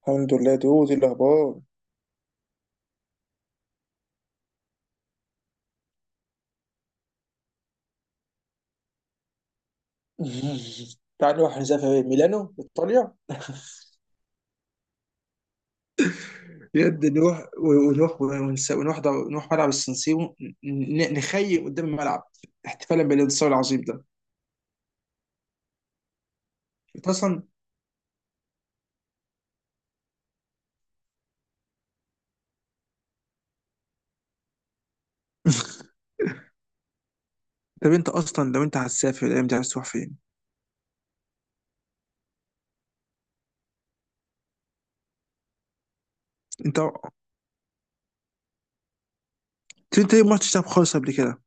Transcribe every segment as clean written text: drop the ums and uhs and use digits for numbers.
الحمد لله دي الاخبار. تعال نروح نسافر إيه؟ ميلانو ايطاليا. بجد نروح و- ونروح ونس- ونروح در- نروح ملعب السنسيرو، نخيم قدام الملعب احتفالا بالانتصار العظيم ده. انت اصلا. طب انت اصلا لو انت هتسافر الايام دي عايز تروح فين؟ انت انت ليه ما رحتش دهب خالص قبل كده؟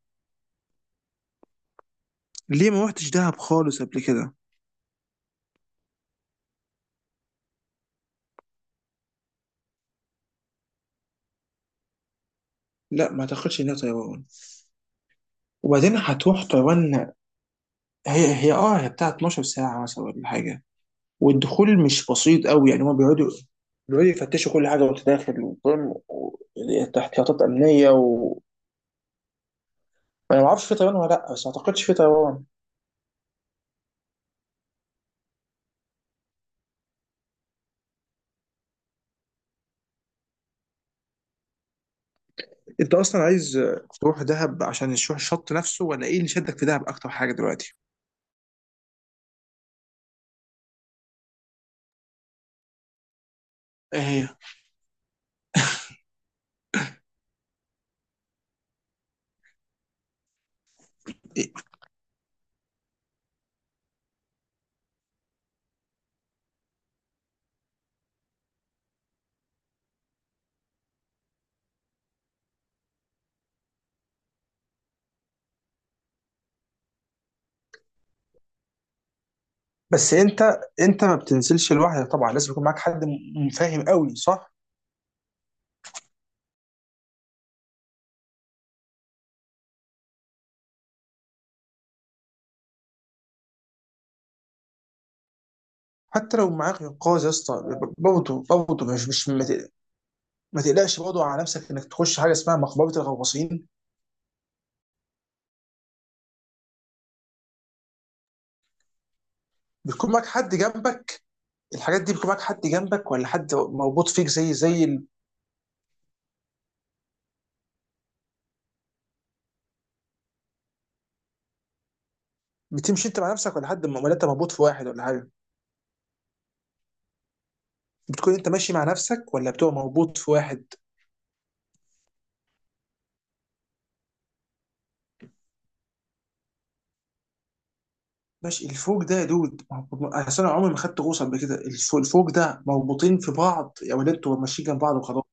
ليه ما رحتش دهب خالص قبل كده؟ لا ما تاخدش هنا طيران، وبعدين هتروح طيران. هي بتاع 12 ساعة مثلا ولا حاجة. والدخول مش بسيط قوي، يعني هما بيقعدوا يفتشوا كل حاجه وانت داخل وفاهم تحتياطات امنيه انا ما اعرفش في طيران ولا لا، بس ما اعتقدش في طيران. انت اصلا عايز تروح دهب عشان تروح الشط نفسه، ولا ايه اللي شدك في دهب اكتر حاجه دلوقتي؟ ايه هي؟ إيه؟ بس انت ما بتنزلش لوحدك طبعا، لازم يكون معاك حد فاهم قوي، صح؟ حتى لو معاك انقاذ يا اسطى، برضه برضه مش مش ما تق- ما تقلقش برضه على نفسك انك تخش حاجه اسمها مقبره الغواصين. بتكون معاك حد جنبك؟ الحاجات دي بيكون معاك حد جنبك، ولا حد مربوط فيك زي بتمشي انت مع نفسك، ولا ولا انت مربوط في واحد ولا حاجه؟ بتكون انت ماشي مع نفسك، ولا بتبقى مربوط في واحد؟ ماشي، الفوق ده يا دود، ما هو- ما- اصل انا عمري ما خدت غوصه قبل كده. الفوق ده مربوطين في بعض يا ولا انتوا ماشيين جنب بعض وخلاص؟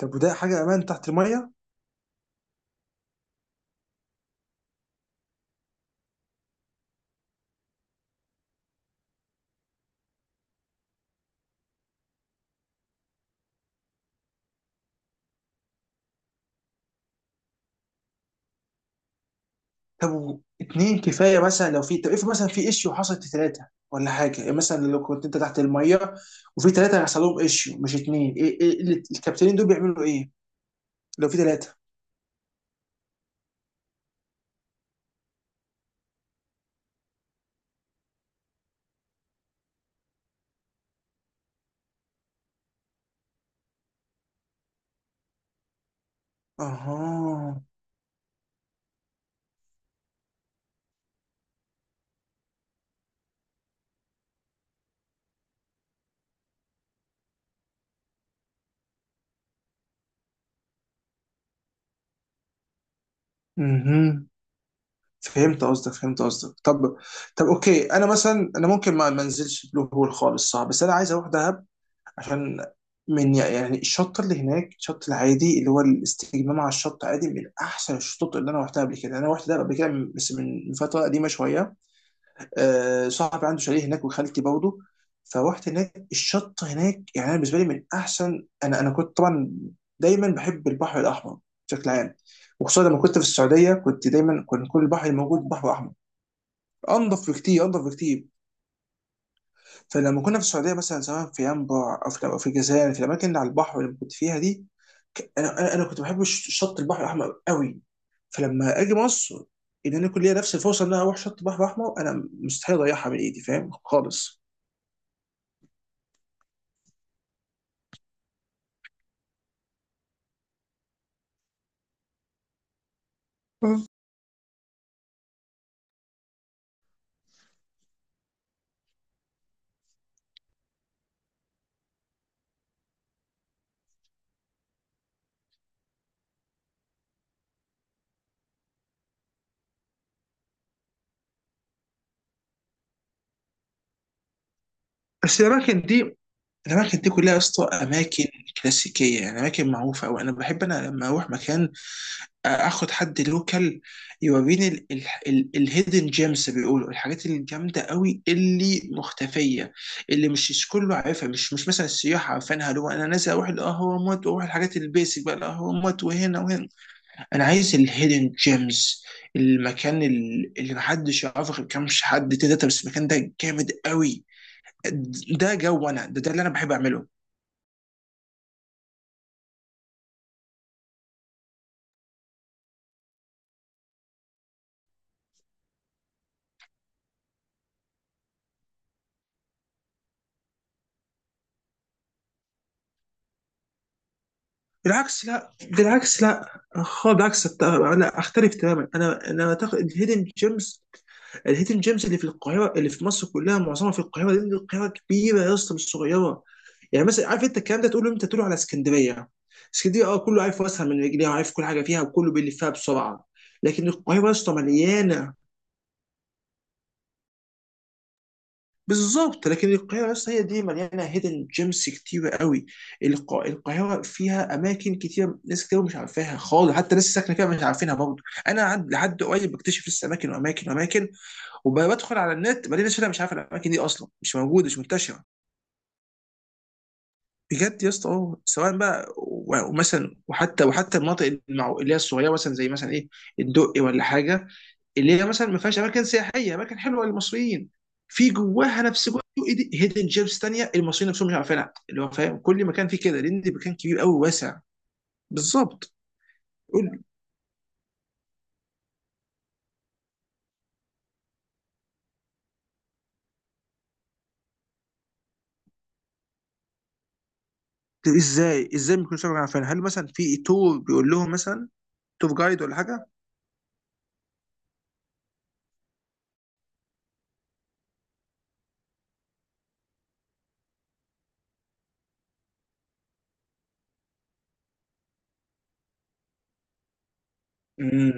طب وده حاجه امان تحت الميه؟ طب اتنين كفايه مثلا؟ لو في، طب افرض مثلا في ايشيو حصلت ثلاثه ولا حاجه، يعني مثلا لو كنت انت تحت الميه وفي ثلاثه حصل لهم ايشيو مش اتنين، ايه ايه اللي، الكابتنين دول بيعملوا ايه لو في ثلاثه؟ اها. مهم. فهمت قصدك، طب اوكي، انا مثلا انا ممكن ما انزلش بلو هول خالص، صعب، بس انا عايز اروح دهب، عشان من يعني الشط اللي هناك، الشط العادي اللي هو الاستجمام على الشط، عادي، من احسن الشطوط اللي انا رحتها قبل كده. انا رحت دهب قبل كده بس من فتره قديمه شويه. آه، صاحبي عنده شاليه هناك وخالتي برضه، فروحت هناك. الشط هناك يعني أنا بالنسبه لي من احسن. انا كنت طبعا دايما بحب البحر الاحمر بشكل عام. وخصوصا لما كنت في السعوديه كنت دايما، كان كل البحر الموجود بحر احمر، انضف بكتير انضف بكتير. فلما كنا في السعوديه مثلا، سواء في ينبع او في الجزائر، في الاماكن اللي على البحر اللي كنت فيها دي، ك- انا انا أنا كنت بحب شط البحر الاحمر قوي. فلما اجي مصر، ان انا يكون ليا نفس الفرصه ان انا اروح شط البحر الاحمر، انا مستحيل اضيعها من ايدي، فاهم؟ خالص. بس الاماكن دي كلها يا اسطى اماكن كلاسيكيه، يعني اماكن معروفه. او انا بحب، انا لما اروح مكان اخد حد لوكال يوريني الهيدن جيمز، بيقولوا الحاجات الجامده قوي اللي مختفيه، اللي مش كله عارفها، مش مثلا السياح عارفينها، اللي هو انا نازل اروح الاهرامات واروح الحاجات البيسك بقى، الاهرامات وهنا وهنا. انا عايز الهيدن جيمز، المكان اللي محدش يعرفه غير كام حد تلاته بس، المكان ده جامد قوي. ده جو انا، ده اللي انا بحب اعمله. بالعكس لا خالص، لا اختلف تماما، انا اعتقد الهيدن جيمز اللي في القاهره، اللي في مصر كلها معظمها في القاهره، لان القاهره كبيره يا اسطى مش صغيره. يعني مثلا عارف انت الكلام ده تقوله امتى؟ تقوله على اسكندريه. اسكندريه اه، كله عارف واسهل من رجليها، وعارف كل حاجه فيها، وكله بيلفها بسرعه. لكن القاهره يا اسطى مليانه. بالظبط، لكن القاهرة بس هي دي مليانة هيدن جيمس كتيرة قوي. القاهرة فيها أماكن كتيرة، ناس كتير مش عارفاها خالص، حتى ناس ساكنة فيها مش عارفينها برضه. أنا لحد قريب بكتشف لسه أماكن وأماكن وأماكن، وبدخل على النت بلاقي ناس أنا مش عارف الأماكن دي أصلا، مش موجودة، مش منتشرة. بجد يا اسطى، اه، سواء بقى ومثلا وحتى المناطق اللي هي الصغيرة مثلا، زي مثلا إيه، الدقي ولا حاجة، اللي هي مثلا ما فيهاش اماكن سياحيه، اماكن حلوه للمصريين، في جواها نفس جوه هيدن جيمز تانية المصريين نفسهم مش عارفينها، اللي هو فاهم كل مكان فيه كده لان ده مكان كبير قوي واسع. بالظبط. قول لي، طب ازاي ازاي ما يكونوش عارفينها؟ هل مثلا في تور بيقول لهم مثلا تور جايد ولا حاجه؟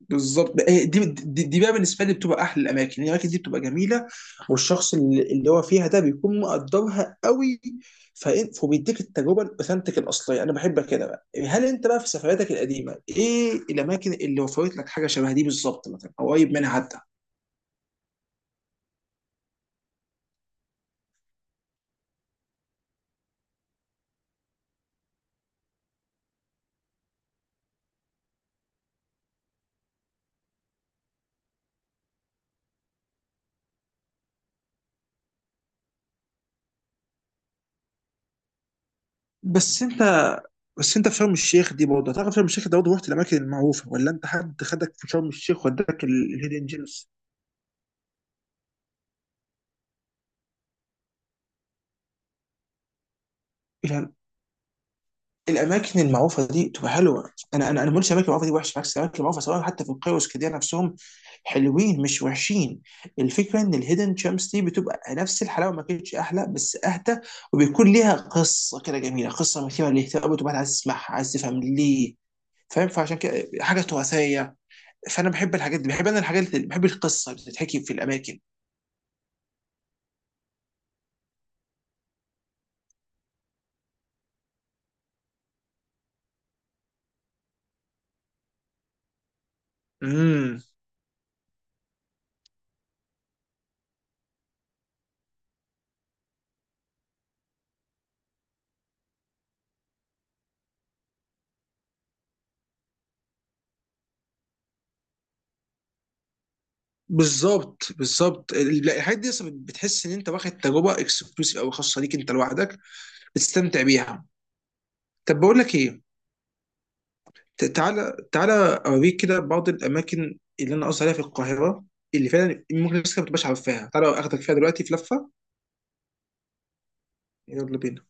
بالظبط، إيه دي بقى بالنسبه لي بتبقى احلى الاماكن، يعني الاماكن دي بتبقى جميله، والشخص اللي اللي هو فيها ده بيكون مقدرها قوي، فبيديك التجربه الاوثنتيك الاصليه. انا بحب كده بقى. هل انت بقى في سفرياتك القديمه ايه الاماكن اللي وفرت لك حاجه شبه دي بالظبط مثلا، او قريب منها حتى؟ بس انت، بس انت في شرم الشيخ دي برضه، تعرف، شرم الشيخ ده برضه رحت الاماكن المعروفه، ولا انت حد خدك في شرم الشيخ وداك الهيدن جيمز؟ الاماكن المعروفه دي تبقى حلوه، انا انا انا ما بقولش الاماكن المعروفه دي وحشه، بالعكس الاماكن المعروفه سواء حتى في القيوس كده نفسهم حلوين مش وحشين. الفكره ان الهيدن شامس دي بتبقى نفس الحلاوه، ما كانتش احلى بس اهدى، وبيكون ليها قصه كده جميله، قصه مثيره للاهتمام وتبقى عايز تسمعها، عايز تفهم ليه، فاهم؟ فعشان كده حاجه تراثيه، فانا بحب الحاجات دي، بحب انا الحاجات اللي بحب القصه اللي بتتحكي في الاماكن. امم. بالظبط بالظبط لا، الحاجات دي أصلاً بتحس ان انت واخد تجربه اكسكلوسيف او خاصه ليك انت لوحدك، استمتع بيها. طب بقول لك ايه، تعالى اوريك كده بعض الاماكن اللي انا قصدي عليها في القاهره، اللي فعلا ممكن الناس كده ما تبقاش عارفاها. تعالى اخدك فيها دلوقتي في لفه. يلا بينا.